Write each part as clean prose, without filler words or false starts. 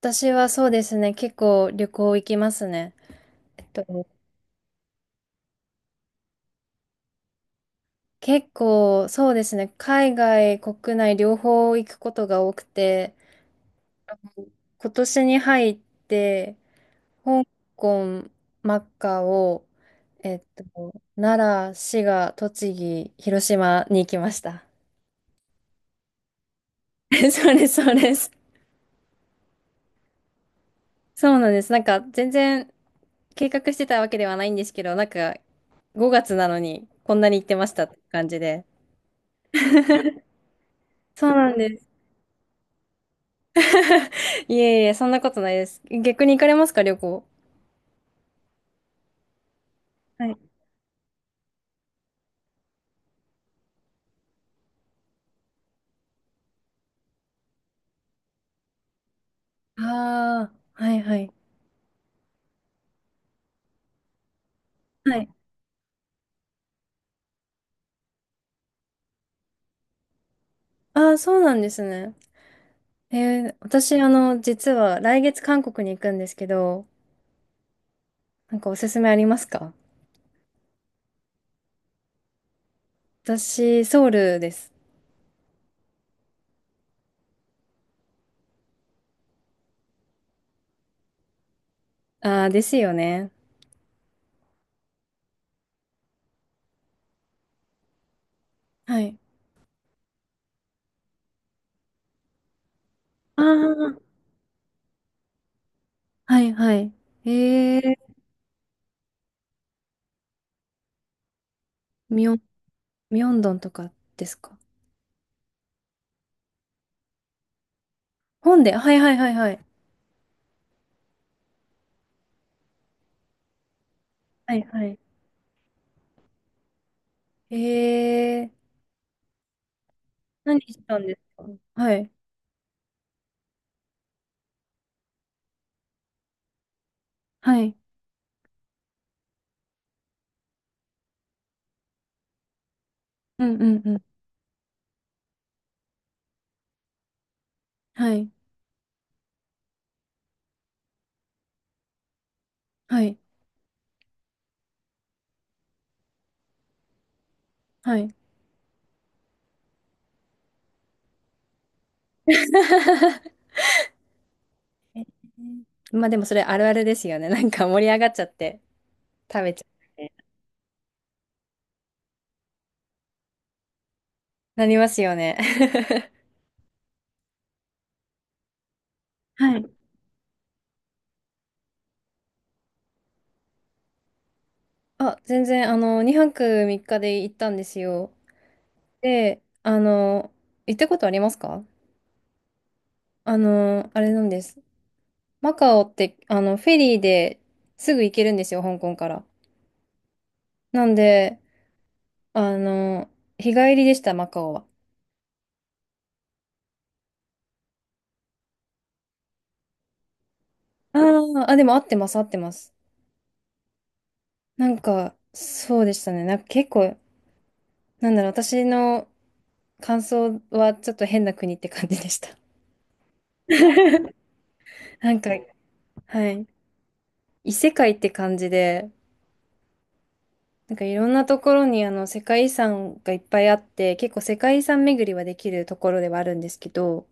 私はそうですね、結構旅行行きますね。えっと、結構そうですね、海外、国内両方行くことが多くて、今年に入って、香港、マカオ、えっと、奈良、滋賀、栃木、広島に行きました。そうです、そうです。そうなんです。なんか全然計画してたわけではないんですけど、なんか5月なのにこんなに行ってましたって感じで。そうなんです。いえいえ、そんなことないです。逆に行かれますか、旅行。はい。ああ、はいはい。はい。ああ、そうなんですね。えー、私、あの、実は来月韓国に行くんですけど、なんかおすすめありますか？私、ソウルです。ああ、ですよね。はい。ああ、はいはい。えー、ミョン、ミョンドンとかですか？本で、はいはいはいはい。はいはい。えー、何したんですか？はい。はい。うんうんうん。はい。はい。はい。まあでもそれあるあるですよね。なんか盛り上がっちゃって食べちゃってなりますよね。はい。あ、全然あの2泊3日で行ったんですよ。で、あの行ったことありますか？あのあれなんです。マカオってあのフェリーですぐ行けるんですよ、香港から。なんで、あの日帰りでした、マカオは。あーあ、でも合ってます、合ってます。なんかそうでしたね。なんか結構私の感想はちょっと変な国って感じでした。なんか、はい。異世界って感じで、なんかいろんなところにあの世界遺産がいっぱいあって、結構世界遺産巡りはできるところではあるんですけど、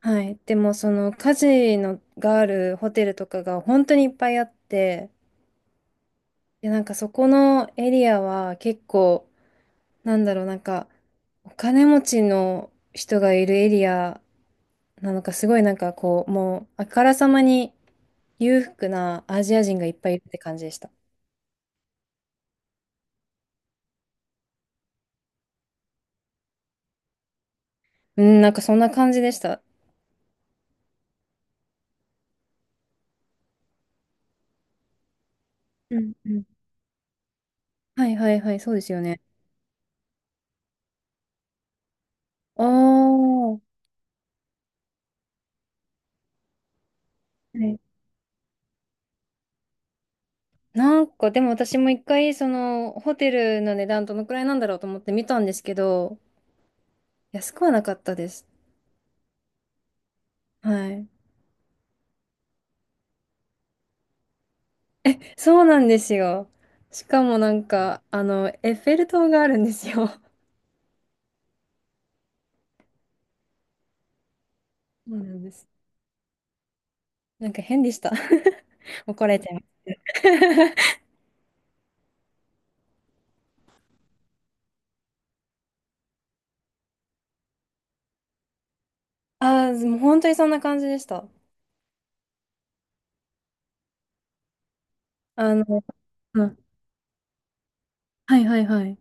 はい。でもそのカジノがあるホテルとかが本当にいっぱいあって、で、なんかそこのエリアは結構、なんかお金持ちの人がいるエリアなのか、すごいなんかこう、もうあからさまに裕福なアジア人がいっぱいいるって感じでした。うん、なんかそんな感じでした。うんうん。はいはいはい、そうですよね。ああ、はい。なんかでも私も一回そのホテルの値段どのくらいなんだろうと思って見たんですけど、安くはなかったです。はい。そうなんですよ。しかもなんか、あの、エッフェル塔があるんですよ。そうなんです。なんか変でした。怒られちゃいます。ああ、もう本当にそんな感じでした。あの、うんはいはいはい。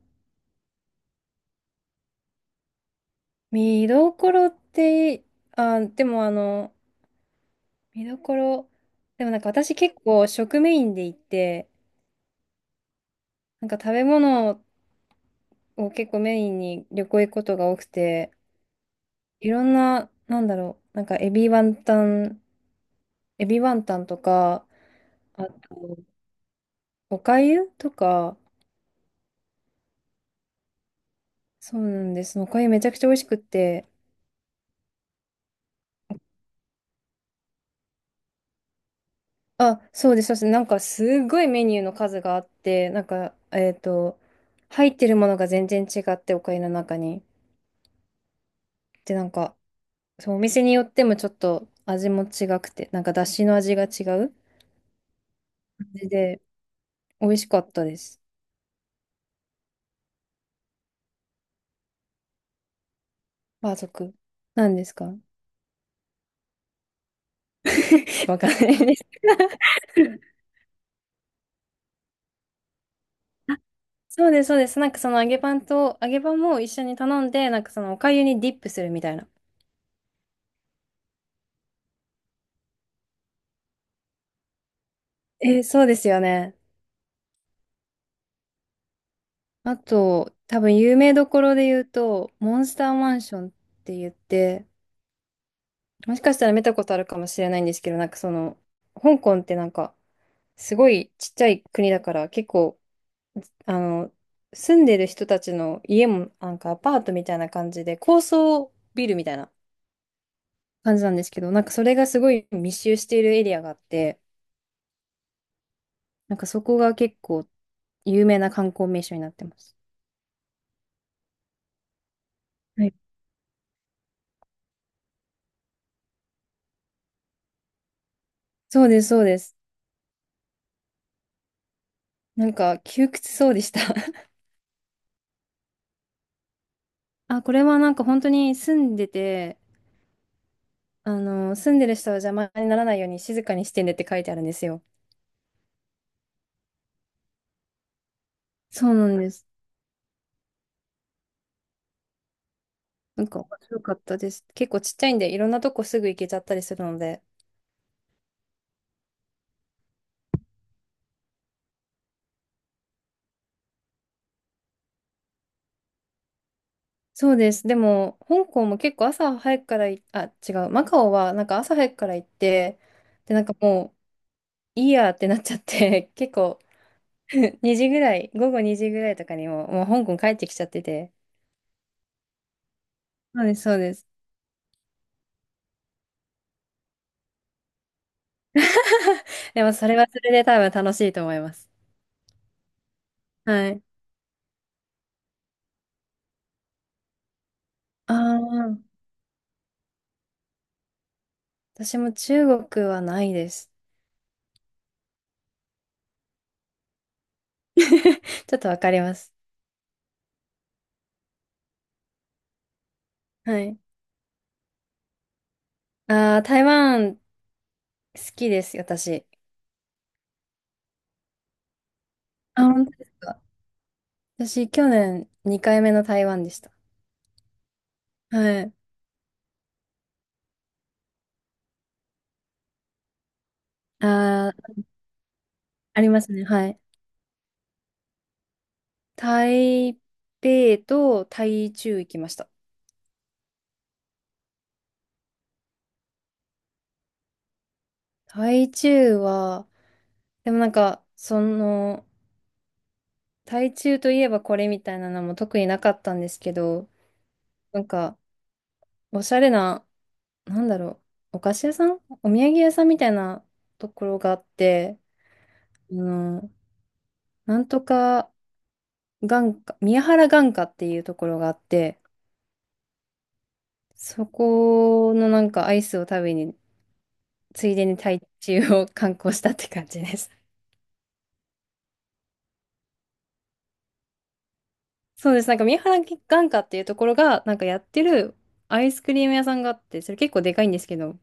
見どころって、あ、でもあの、見どころ、でもなんか私結構食メインで行って、なんか食べ物を結構メインに旅行行くことが多くて、いろんな、エビワンタンとか、あと、お粥とか、そうなんです。お粥めちゃくちゃ美味しくって、あ、そうです、そうです。なんかすごいメニューの数があって、なんか、入ってるものが全然違って、お粥の中に。で、なんか、そう、お店によってもちょっと味も違くて、なんか、だしの味が違う感じで、美味しかったです。バー族。何ですか？ わかんないです。そうです、そうです。揚げパンも一緒に頼んで、なんかそのお粥にディップするみたいな。えーそうですよね。あと、多分有名どころで言うと、モンスターマンションって言って、もしかしたら見たことあるかもしれないんですけど、なんかその、香港ってなんか、すごいちっちゃい国だから結構あの住んでる人たちの家もなんかアパートみたいな感じで高層ビルみたいな感じなんですけど、なんかそれがすごい密集しているエリアがあって、なんかそこが結構有名な観光名所になってます。はい、そうですそうです。なんか窮屈そうでした。 あ、これはなんか本当に住んでて、あの住んでる人は邪魔にならないように静かにしてねって書いてあるんですよ。そうなんです。なんか面白かったです。結構ちっちゃいんで、いろんなとこすぐ行けちゃったりするので。そうです。でも、香港も結構朝早くからい、あ、違う。マカオはなんか朝早くから行って、で、なんかもう、いいやってなっちゃって、結構2時ぐらい、午後2時ぐらいとかにも、もう香港帰ってきちゃってて。そうです、そうです。でも、それはそれで多分楽しいと思います。はい。ああ、私も中国はないです。ちょっとわかります。はい。ああ、台湾好きです、私。あ、本当ですか。私、去年2回目の台湾でした。はい。あー、ありますね。はい。台北と台中行きました。台中は、でもなんか、その、台中といえばこれみたいなのも特になかったんですけど、なんか、おしゃれな、なんだろお菓子屋さんお土産屋さんみたいなところがあって、あの、なんとか眼科、宮原眼科っていうところがあって、そこのなんかアイスを食べに、ついでに台中を観光したって感じです。そうです。なんか三原眼科っていうところが、なんかやってるアイスクリーム屋さんがあって、それ結構でかいんですけど。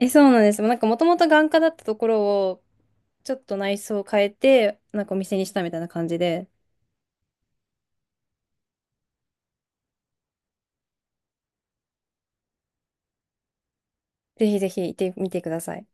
え、そうなんです。なんかもともと眼科だったところを、ちょっと内装を変えて、なんかお店にしたみたいな感じで、ぜひぜひ行ってみてください。